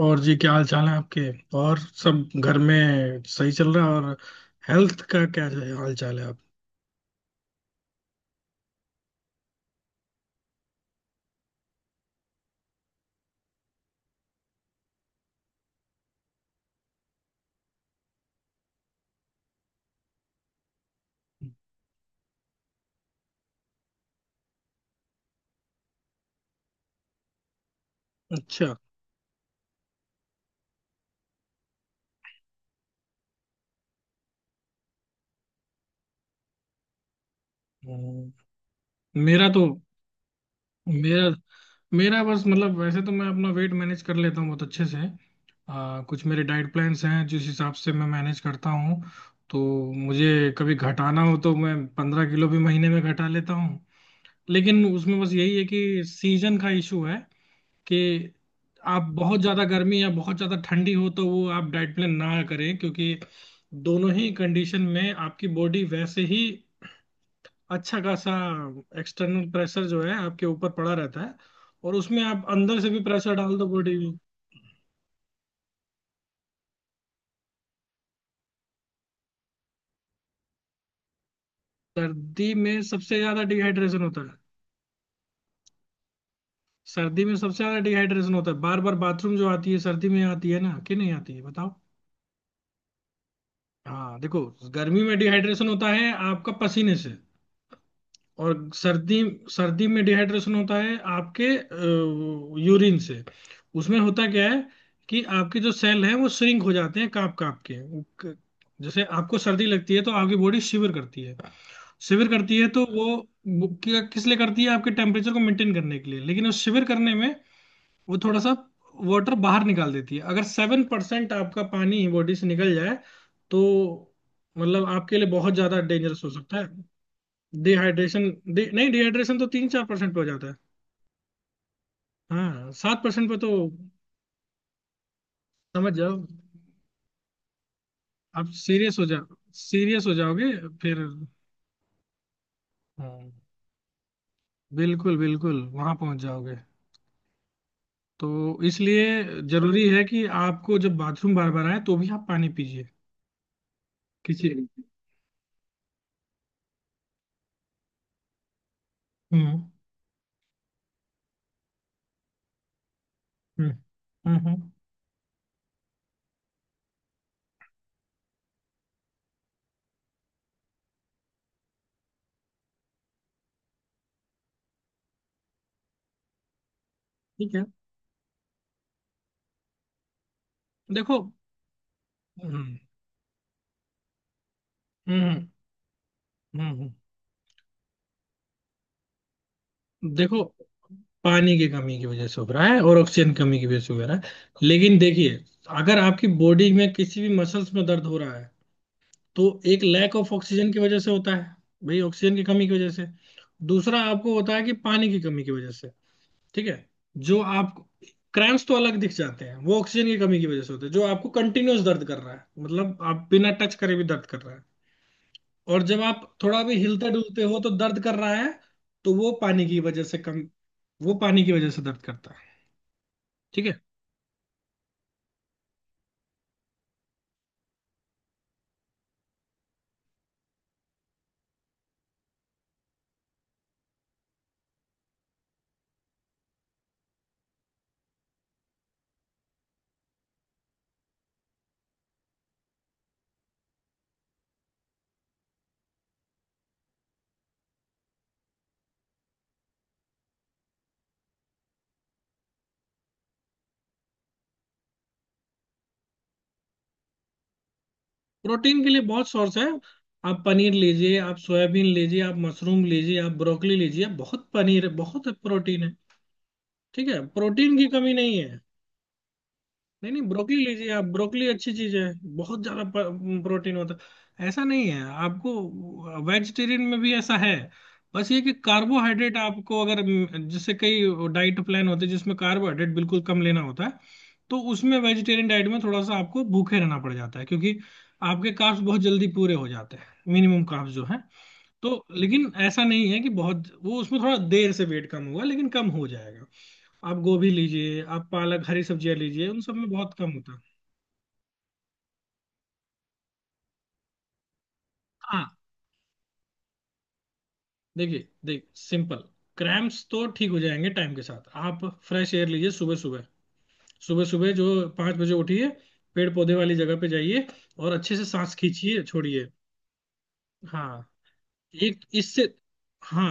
और जी क्या हाल चाल है आपके। और सब घर में सही चल रहा है। और हेल्थ का क्या हाल चाल है आप। अच्छा। हम्म, मेरा तो मेरा मेरा बस मतलब वैसे तो मैं अपना वेट मैनेज कर लेता हूँ बहुत अच्छे से। कुछ मेरे डाइट प्लान्स हैं जिस हिसाब से मैं मैनेज करता हूँ। तो मुझे कभी घटाना हो तो मैं 15 किलो भी महीने में घटा लेता हूँ। लेकिन उसमें बस यही है कि सीजन का इशू है कि आप बहुत ज्यादा गर्मी या बहुत ज्यादा ठंडी हो तो वो आप डाइट प्लान ना करें क्योंकि दोनों ही कंडीशन में आपकी बॉडी वैसे ही अच्छा खासा एक्सटर्नल प्रेशर जो है आपके ऊपर पड़ा रहता है। और उसमें आप अंदर से भी प्रेशर डाल दो बॉडी में। सर्दी में सबसे ज्यादा डिहाइड्रेशन होता है। सर्दी में सबसे ज्यादा डिहाइड्रेशन होता है। बार बार बाथरूम जो आती है सर्दी में आती है ना कि नहीं आती है बताओ। हाँ देखो, गर्मी में डिहाइड्रेशन होता है आपका पसीने से। और सर्दी सर्दी में डिहाइड्रेशन होता है आपके यूरिन से। उसमें होता क्या है कि आपके जो सेल हैं वो श्रिंक हो जाते हैं कांप कांप के। जैसे आपको सर्दी लगती है तो आपकी बॉडी शिवर करती है। शिवर करती है तो वो किस लिए करती है आपके टेम्परेचर को मेंटेन करने के लिए, लेकिन उस शिवर करने में वो थोड़ा सा वाटर बाहर निकाल देती है। अगर 7% आपका पानी बॉडी से निकल जाए तो मतलब आपके लिए बहुत ज्यादा डेंजरस हो सकता है। डिहाइड्रेशन नहीं, डिहाइड्रेशन तो 3-4% पे हो जाता है। हाँ 7% पे तो समझ जाओ आप सीरियस हो जाओ। सीरियस हो जाओगे फिर। हाँ, बिल्कुल बिल्कुल वहां पहुंच जाओगे। तो इसलिए जरूरी है कि आपको जब बाथरूम बार बार आए तो भी आप पानी पीजिए। किसी हम्म हम्म हम्म। ठीक है देखो। हम्म हम्म हम्म हम्म। देखो, पानी की कमी की वजह से हो रहा है और ऑक्सीजन कमी की वजह से हो रहा है। लेकिन देखिए, अगर आपकी बॉडी में किसी भी मसल्स में दर्द हो रहा है तो एक लैक ऑफ ऑक्सीजन की वजह से होता है भाई, ऑक्सीजन की कमी की वजह से। दूसरा आपको होता है कि पानी की कमी की वजह से। ठीक है, जो आप क्रैम्स तो अलग दिख जाते हैं वो ऑक्सीजन की कमी की वजह से होते हैं। जो आपको कंटिन्यूअस दर्द कर रहा है मतलब आप बिना टच करे भी दर्द कर रहा है और जब आप थोड़ा भी हिलते डुलते हो तो दर्द कर रहा है, तो वो पानी की वजह से दर्द करता है। ठीक है, प्रोटीन के लिए बहुत सोर्स है। आप पनीर लीजिए, आप सोयाबीन लीजिए, आप मशरूम लीजिए, आप ब्रोकली लीजिए। बहुत पनीर है, बहुत प्रोटीन है। ठीक है, प्रोटीन की कमी नहीं है। नहीं नहीं, ब्रोकली लीजिए आप, ब्रोकली अच्छी चीज है। बहुत ज्यादा प्रोटीन होता है ऐसा नहीं है आपको, वेजिटेरियन में भी ऐसा है। बस ये कि कार्बोहाइड्रेट आपको अगर जैसे कई डाइट प्लान होते हैं जिसमें कार्बोहाइड्रेट बिल्कुल कम लेना होता है, तो उसमें वेजिटेरियन डाइट में थोड़ा सा आपको भूखे रहना पड़ जाता है क्योंकि आपके कार्ब्स बहुत जल्दी पूरे हो जाते हैं मिनिमम कार्ब्स जो है। तो लेकिन ऐसा नहीं है कि बहुत वो उसमें थोड़ा देर से वेट कम हुआ, लेकिन कम हो जाएगा। आप गोभी लीजिए, आप पालक हरी सब्जियां लीजिए, उन सब में बहुत कम होता है। हाँ देखिए, देख सिंपल क्रैम्प्स तो ठीक हो जाएंगे टाइम के साथ। आप फ्रेश एयर लीजिए सुबह सुबह। सुबह सुबह जो 5 बजे उठिए, पेड़ पौधे वाली जगह पे जाइए, और अच्छे से सांस खींचिए छोड़िए। हाँ एक इससे, हाँ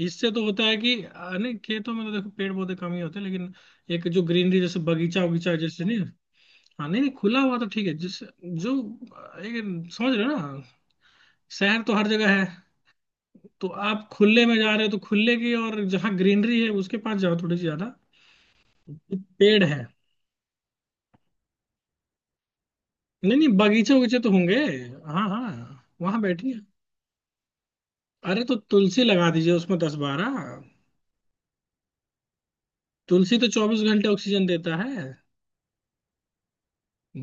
इससे तो होता है कि नहीं खेतों में तो देखो पेड़ पौधे कम ही होते हैं, लेकिन एक जो ग्रीनरी जैसे बगीचा वगीचा जैसे नहीं। हाँ नहीं नहीं, खुला हुआ तो ठीक है। एक समझ रहे हो ना, शहर तो हर जगह है। तो आप खुले में जा रहे हो तो खुले की और जहाँ ग्रीनरी है उसके पास जाओ थोड़ी सी ज्यादा। पेड़ है, नहीं नहीं बगीचे उगीचे तो होंगे। हाँ हाँ, वहां बैठिए। अरे तो तुलसी लगा दीजिए उसमें 10-12। तुलसी तो 24 घंटे ऑक्सीजन देता है,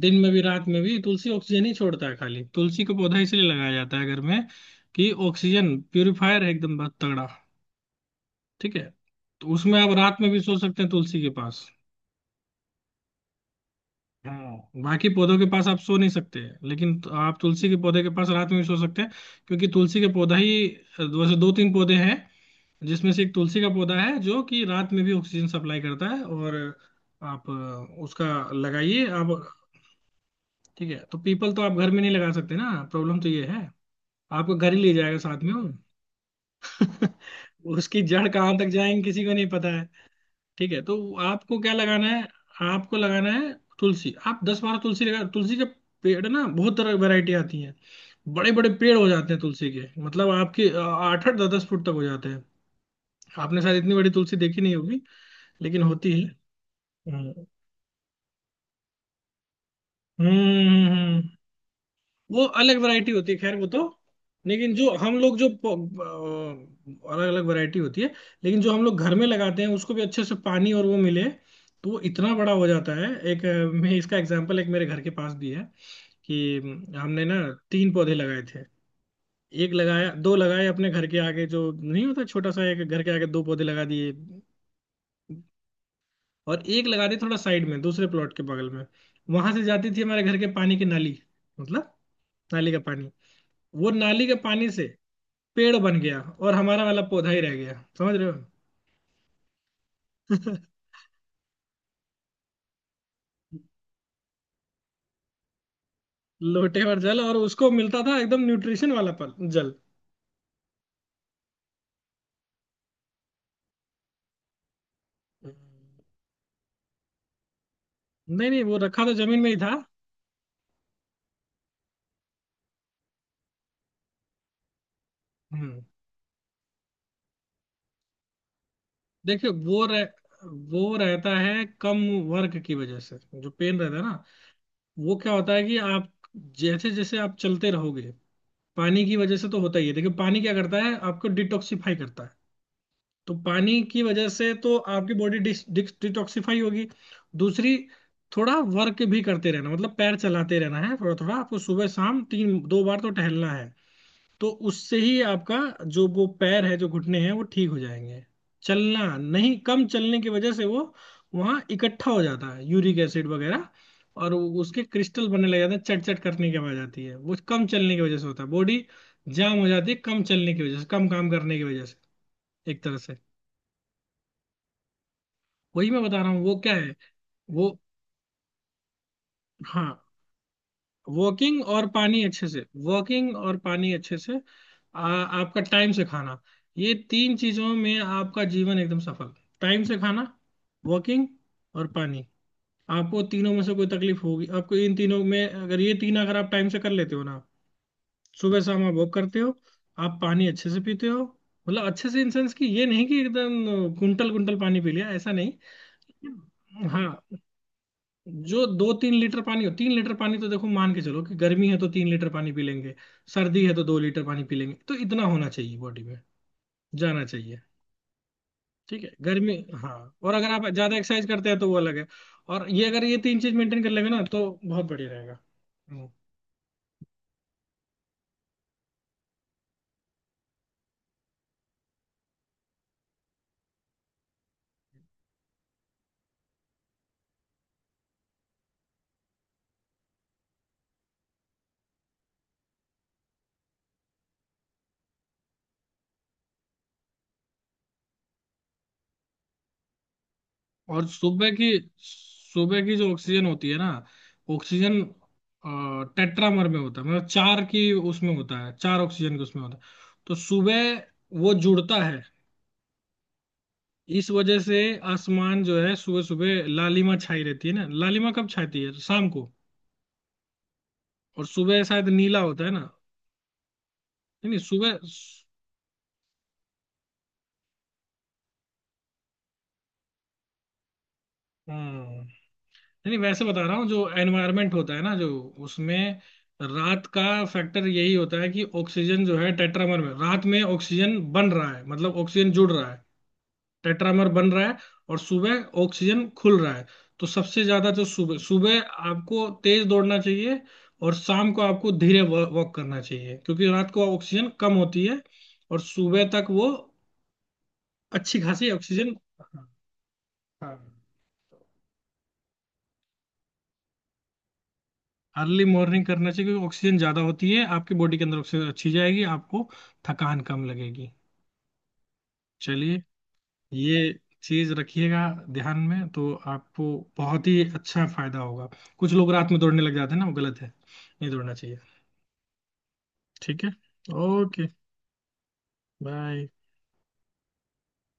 दिन में भी रात में भी। तुलसी ऑक्सीजन ही छोड़ता है खाली। तुलसी का पौधा इसलिए लगाया जाता है घर में कि ऑक्सीजन प्यूरिफायर है एकदम बहुत तगड़ा। ठीक है, तो उसमें आप रात में भी सो सकते हैं तुलसी के पास। हाँ, बाकी पौधों के पास आप सो नहीं सकते, लेकिन तो आप तुलसी के पौधे के पास रात में भी सो सकते हैं, क्योंकि तुलसी के पौधा ही, वैसे 2-3 पौधे हैं जिसमें से एक तुलसी का पौधा है जो कि रात में भी ऑक्सीजन सप्लाई करता है। और आप उसका लगाइए आप। ठीक है, तो पीपल तो आप घर में नहीं लगा सकते ना, प्रॉब्लम तो ये है। आपको घर ही ले जाएगा साथ में वो। उसकी जड़ कहाँ तक जाएंगे किसी को नहीं पता। ठीक है, तो आपको क्या लगाना है। आपको लगाना है तुलसी। आप 10-12 तुलसी लगा। तुलसी के पेड़ ना बहुत तरह की वैरायटी आती है। बड़े बड़े पेड़ हो जाते हैं तुलसी के, मतलब आपके आठ आठ दस दस फुट तक हो जाते हैं। आपने शायद इतनी बड़ी तुलसी देखी नहीं होगी, लेकिन होती है। हम्म हम्म हम्म, वो अलग वैरायटी होती है, खैर वो तो। लेकिन जो हम लोग जो अलग अलग वैरायटी होती है। लेकिन जो हम लोग घर में लगाते हैं उसको भी अच्छे से पानी और वो मिले तो वो इतना बड़ा हो जाता है। एक मैं इसका एग्जांपल एक मेरे घर के पास भी है कि हमने ना 3 पौधे लगाए थे। एक लगाया, दो लगाए अपने घर के आगे जो नहीं होता छोटा सा एक। घर के आगे 2 पौधे लगा दिए और एक लगा दिए थोड़ा साइड में दूसरे प्लॉट के बगल में। वहां से जाती थी हमारे घर के पानी की नाली, मतलब नाली का पानी। वो नाली के पानी से पेड़ बन गया और हमारा वाला पौधा ही रह गया। समझ रहे हो। लोटे और जल, और उसको मिलता था एकदम न्यूट्रिशन वाला पल जल। नहीं नहीं, वो रखा तो जमीन में ही था। हम्म, देखिए वो रहता है कम वर्क की वजह से जो पेन रहता है ना। वो क्या होता है कि आप, जैसे जैसे आप चलते रहोगे, पानी की वजह से तो होता ही है। देखिए पानी क्या करता है, आपको डिटॉक्सिफाई करता है, तो पानी की वजह से तो आपकी बॉडी डिटॉक्सिफाई होगी। दूसरी, थोड़ा वर्क भी करते रहना, मतलब पैर चलाते रहना है थोड़ा थोड़ा। आपको सुबह शाम तीन दो बार तो टहलना है, तो उससे ही आपका जो वो पैर है जो घुटने हैं वो ठीक हो जाएंगे। चलना, नहीं कम चलने की वजह से वो वहाँ इकट्ठा हो जाता है यूरिक एसिड वगैरह, और उसके क्रिस्टल बनने लग जाते हैं, चट चट करने की आवाज आती है। वो कम चलने की वजह से होता है। बॉडी जाम हो जाती है कम चलने की वजह से, कम काम करने की वजह से, एक तरह से। वही मैं बता रहा हूँ वो क्या है, वो हाँ, वॉकिंग और पानी अच्छे से, वॉकिंग और पानी अच्छे से। आपका टाइम से खाना, ये तीन चीजों में आपका जीवन एकदम सफल। टाइम से खाना, वॉकिंग, और पानी। आपको तीनों में से कोई तकलीफ होगी, आपको इन तीनों में, अगर ये तीन अगर आप टाइम से कर लेते हो ना, सुबह शाम आप वॉक करते हो, आप पानी अच्छे से पीते हो, मतलब अच्छे से इन सेंस कि ये नहीं कि एकदम कुंटल कुंटल पानी पी लिया, ऐसा नहीं। हाँ, जो 2-3 लीटर पानी हो, तीन लीटर पानी, तो देखो मान के चलो कि गर्मी है तो 3 लीटर पानी पी लेंगे, सर्दी है तो 2 लीटर पानी पी लेंगे, तो इतना होना चाहिए बॉडी में जाना चाहिए। ठीक है गर्मी। हाँ, और अगर आप ज्यादा एक्सरसाइज करते हैं तो वो अलग है, और ये अगर ये तीन चीज मेंटेन कर लेंगे ना तो बहुत बढ़िया रहेगा। हम्म। और सुबह की, सुबह की जो ऑक्सीजन होती है ना, ऑक्सीजन टेट्रामर में होता है, मतलब चार की उसमें होता है, चार ऑक्सीजन के उसमें होता है। तो सुबह वो जुड़ता है, इस वजह से आसमान जो है सुबह सुबह लालिमा छाई रहती है ना। लालिमा कब छाती है, शाम को। और सुबह शायद नीला होता है ना। नहीं, नहीं सुबह हम्म। नहीं नहीं, वैसे बता रहा हूँ जो एनवायरनमेंट होता है ना जो, उसमें रात का फैक्टर यही होता है कि ऑक्सीजन जो है टेट्रामर में, रात में ऑक्सीजन बन रहा है, मतलब ऑक्सीजन जुड़ रहा है, टेट्रामर बन रहा है, और सुबह ऑक्सीजन खुल रहा है। तो सबसे ज्यादा तो सुबह सुबह आपको तेज दौड़ना चाहिए, और शाम को आपको धीरे वॉक करना चाहिए, क्योंकि रात को ऑक्सीजन कम होती है और सुबह तक वो अच्छी खासी ऑक्सीजन। हाँ हाँ, अर्ली मॉर्निंग करना चाहिए क्योंकि ऑक्सीजन ज्यादा होती है, आपकी बॉडी के अंदर ऑक्सीजन अच्छी जाएगी, आपको थकान कम लगेगी। चलिए, ये चीज रखिएगा ध्यान में तो आपको बहुत ही अच्छा फायदा होगा। कुछ लोग रात में दौड़ने लग जाते हैं ना, वो गलत है, नहीं दौड़ना चाहिए। ठीक है। ओके। बाय।